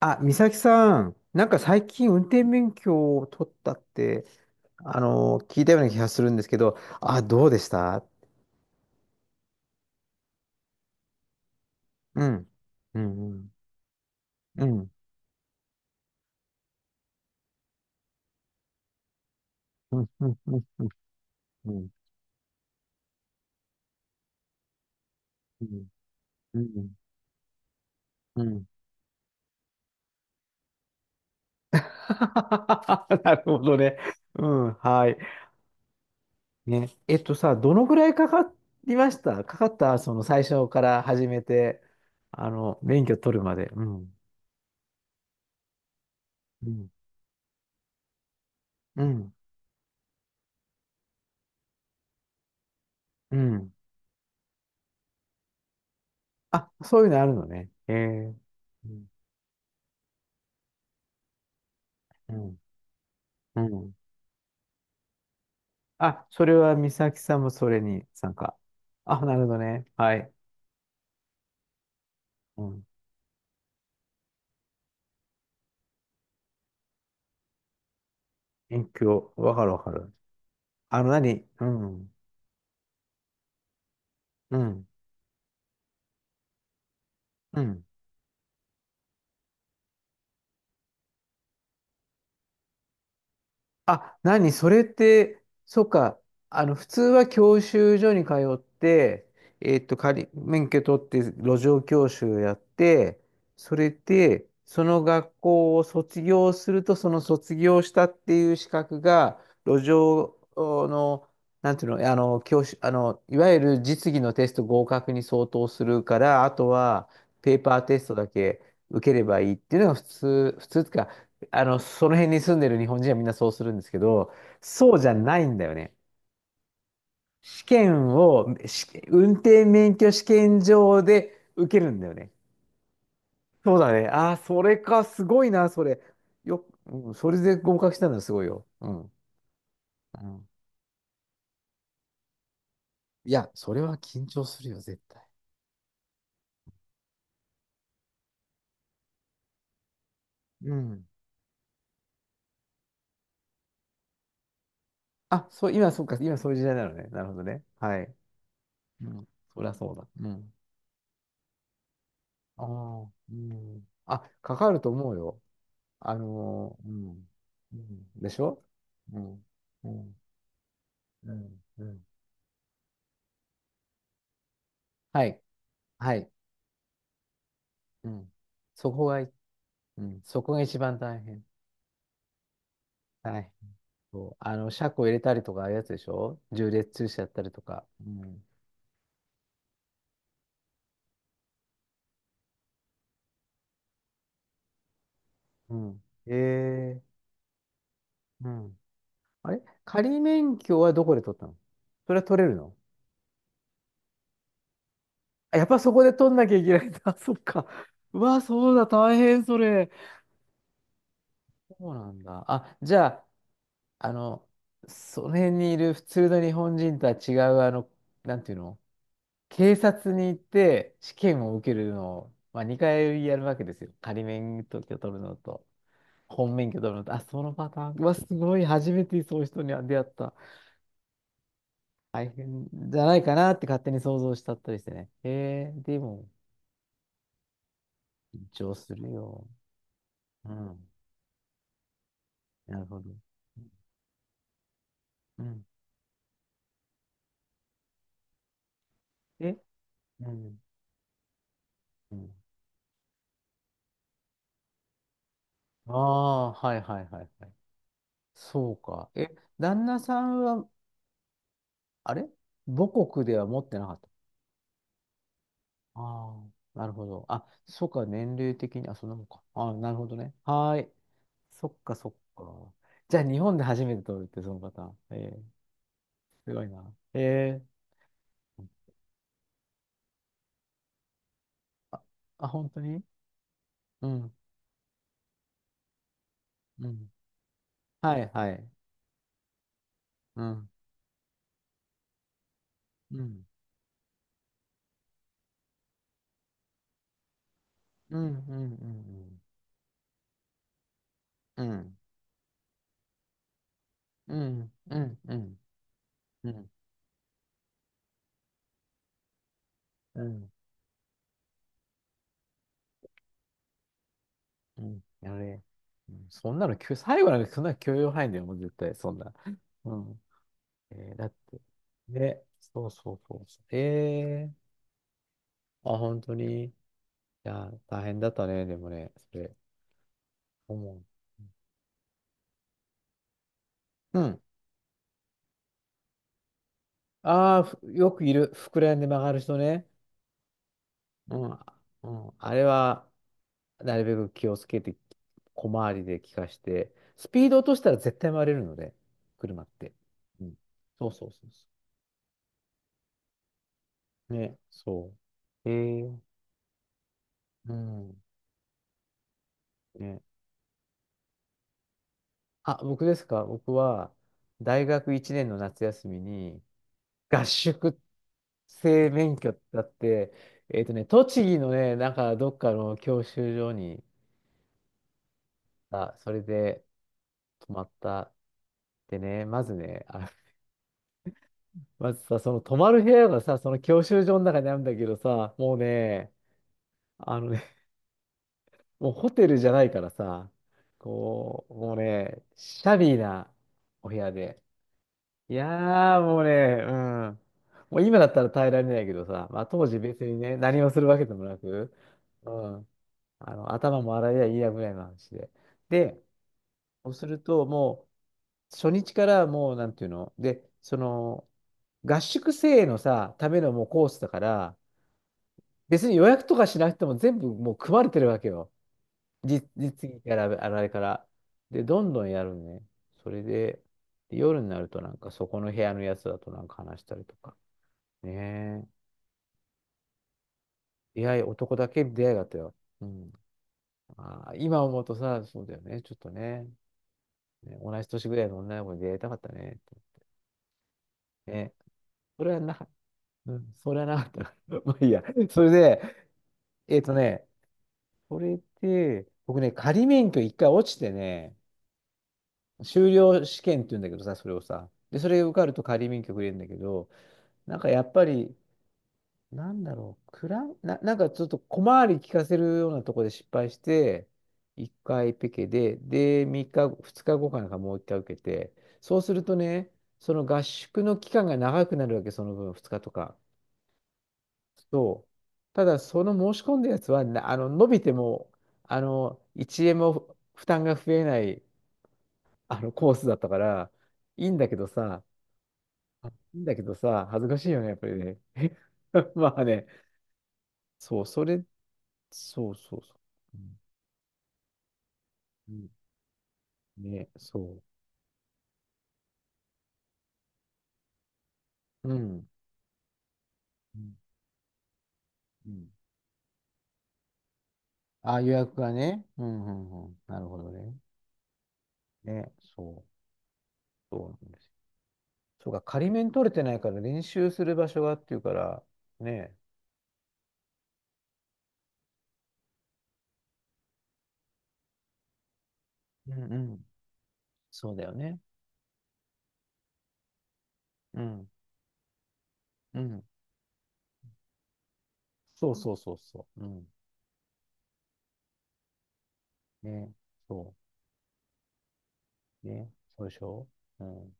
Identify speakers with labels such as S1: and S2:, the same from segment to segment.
S1: あ、美咲さん、なんか最近運転免許を取ったって、聞いたような気がするんですけど、あ、どうでした？うん。うん。うん。うん。うん。うん。うん。うん。うん。うん。なるほどね。うん。はい。ね。えっとさ、どのぐらいかかりましたかかったその最初から始めて、免許取るまで。うん。うん。うん。うん。あ、そういうのあるのね。えー。うん。うんうん。あ、それは美咲さんもそれに参加？あ、なるほどね。はい。うん。勉強。わかるわかる。何？うん。うん。うん。あ、何それって、そっか、普通は教習所に通って、免許取って路上教習やって、それで、その学校を卒業すると、その卒業したっていう資格が、路上の、なんていうの、教習、いわゆる実技のテスト合格に相当するから、あとは、ペーパーテストだけ受ければいいっていうのが普通、普通ってかその辺に住んでる日本人はみんなそうするんですけど、そうじゃないんだよね。試験を、運転免許試験場で受けるんだよね。そうだね。ああ、それか、すごいな、それ。うん、それで合格したのはすごいよ。うん。うん。いや、それは緊張するよ、絶対。うん。あ、そう、今、そうか、今そういう時代なのね。なるほどね。はい。うん。そりゃそうだ。うん。ああ、うん。あ、かかると思うよ。うん。うん。でしょ？うん。うん。うん。うん。はい。はい。うん。そこがい、うん。そこが一番大変。大変。そう。車庫入れたりとか、ああいうやつでしょ？縦列駐車やったりとか。うん。うん。ええ、うん。あれ仮免許はどこで取ったの？それは取れるの？あ、やっぱそこで取んなきゃいけないんだ。そっか。うわ、そうだ、大変、それ。そうなんだ。あ、じゃあ、あの、その辺にいる普通の日本人とは違う、なんていうの、警察に行って試験を受けるのを、まあ、2回やるわけですよ。仮免許取るのと、本免許取るのと、あ、そのパターン、うわ、すごい、初めてそういう人に出会った。大変じゃないかなって勝手に想像しちゃったりしてね。へえ、でも、緊張するよ。うん、なるほど。うん。え、うん。うん。ああ、はいはいはいはい。そうか。え、旦那さんは、あれ母国では持ってなかった？ああ、なるほど。あ、そっか、年齢的に、あ、そんなもんか。ああ、なるほどね。はーい。そっか、そっか。じゃあ、日本で初めて取るって、そのパターン。ええ、すごいな。えー、あ、あ、本当に？うん、うん。はい、はい。うん、うん、うん、うん、うん、うん、うん、うん、うん、うん、うん、うん、うん、うん、やれ。うん、そんなのきゅ、最後なんかそんな許容範囲だよ、もう絶対、そんな。うん。えー、だって。ね、そうそうそうそう。えー、あ、本当に。いや、大変だったね、でもね、それ、思う。うん。ああ、よくいる。膨らんで曲がる人ね。うん。うん。あれは、なるべく気をつけて、小回りで効かして、スピード落としたら絶対回れるので、車って。うん。そうそうそうそう。ね、そう。えー、うん。ね。あ、僕ですか？僕は、大学1年の夏休みに、合宿生免許だって、栃木のね、なんかどっかの教習所に、あ、それで泊まった。でね、まずね、あ、まずさ、その泊まる部屋がさ、その教習所の中にあるんだけどさ、もうね、あのね、もうホテルじゃないからさ、こう、もうね、シャビーなお部屋で、いやー、もうね、うん。もう今だったら耐えられないけどさ、まあ当時別にね、何をするわけでもなく、うん。頭も洗えりゃいいやぐらいの話で。で、そうするともう、初日からもう、なんていうので、その、合宿生のさ、ためのもうコースだから、別に予約とかしなくても全部もう組まれてるわけよ。実技から、あれから。で、どんどんやるね。それで、で夜になるとなんかそこの部屋のやつだとなんか話したりとか。ねえ。出会い、男だけ出会いだったよ。うん。あー、今思うとさ、そうだよね。ちょっとね。ね、同じ年ぐらいの女の子に出会いたかったね。ね。それはなかった。うん、それはなかったな。まあいいや。それで、えっとね、それで、僕ね、仮免許一回落ちてね、修了試験って言うんだけどさ、それをさ。で、それ受かると仮免許くれるんだけど、なんかやっぱり、なんだろう、クラン、なんかちょっと小回り利かせるようなところで失敗して、1回ペケで、で、3日、2日後かなんかもう1回受けて、そうするとね、その合宿の期間が長くなるわけ、その分、2日とか。そう。ただ、その申し込んだやつはな、伸びても、1円も負担が増えない、コースだったから、いいんだけどさ、あいいんだけどさ、恥ずかしいよね、やっぱりね。まあね、そう、それそうそうそう、う。うん、ね、そう。うん。ん、うん、うん、あ、予約がね。うんうんうん。なるほどね。ね、そう。そうなんですよ。そうか、仮免取れてないから練習する場所がっていうから、ね。うんうん。そうだよね。うん。うん。そうそうそうそう。うん。ね。そう。ね。そうでしょ？うん。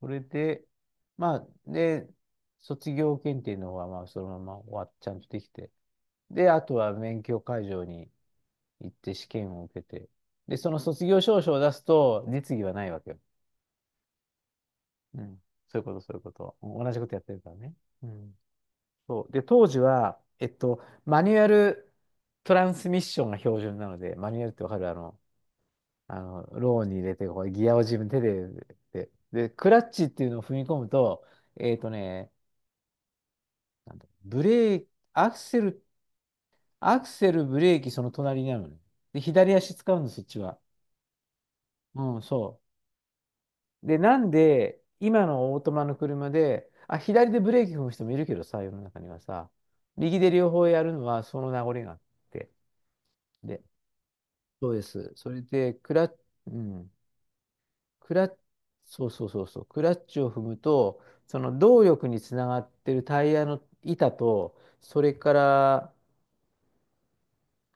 S1: それで、まあ、で、卒業検定の方は、まあ、そのまま終わっちゃんとできて、で、あとは免許会場に行って試験を受けて。で、その卒業証書を出すと、実技はないわけよ。うん。そういうこと、そういうこと。同じことやってるからね。うん。そう。で、当時は、マニュアルトランスミッションが標準なので、マニュアルってわかる？ローに入れて、こうギアを自分手で、で、で、クラッチっていうのを踏み込むと、えっとね、なんだ、ブレーキ、アクセル、アクセル、ブレーキ、その隣になるのね。で、左足使うんです、そっちは。うん、そう。で、なんで、今のオートマの車で、あ、左でブレーキ踏む人もいるけどさ、世の中にはさ、右で両方やるのはその名残があって。で、そうです。それで、クラッ、うん、クラッ、そうそうそうそう、クラッチを踏むと、その動力につながってるタイヤの板と、それから、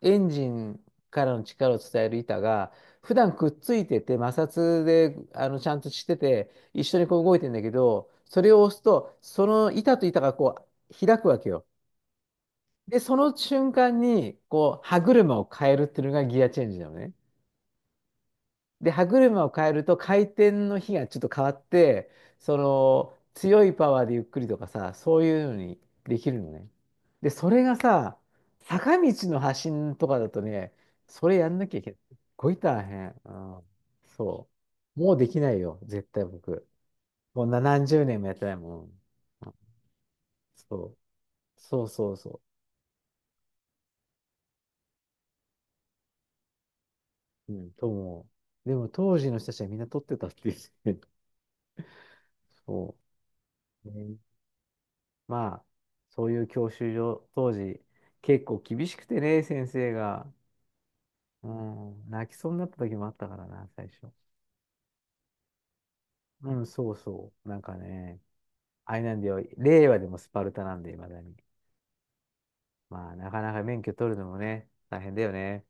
S1: エンジンからの力を伝える板が、普段くっついてて、摩擦で、ちゃんとしてて、一緒にこう動いてんだけど、それを押すと、その板と板がこう、開くわけよ。で、その瞬間に、こう、歯車を変えるっていうのがギアチェンジなのね。で、歯車を変えると回転の比がちょっと変わって、その強いパワーでゆっくりとかさ、そういうのにできるのね。で、それがさ、坂道の発進とかだとね、それやんなきゃいけない。すっごい大変。うん、そう。もうできないよ、絶対僕。もう何十年もやってないもん。うん、そう。そうそうそう。うん、と思う。でも当時の人たちはみんな撮ってたっていう。そう。ね、まあ、そういう教習所、当時、結構厳しくてね、先生が。うん、泣きそうになった時もあったからな、最初。うん、そうそう。なんかね、あれなんだよ、令和でもスパルタなんで、いまだに。まあ、なかなか免許取るのもね、大変だよね。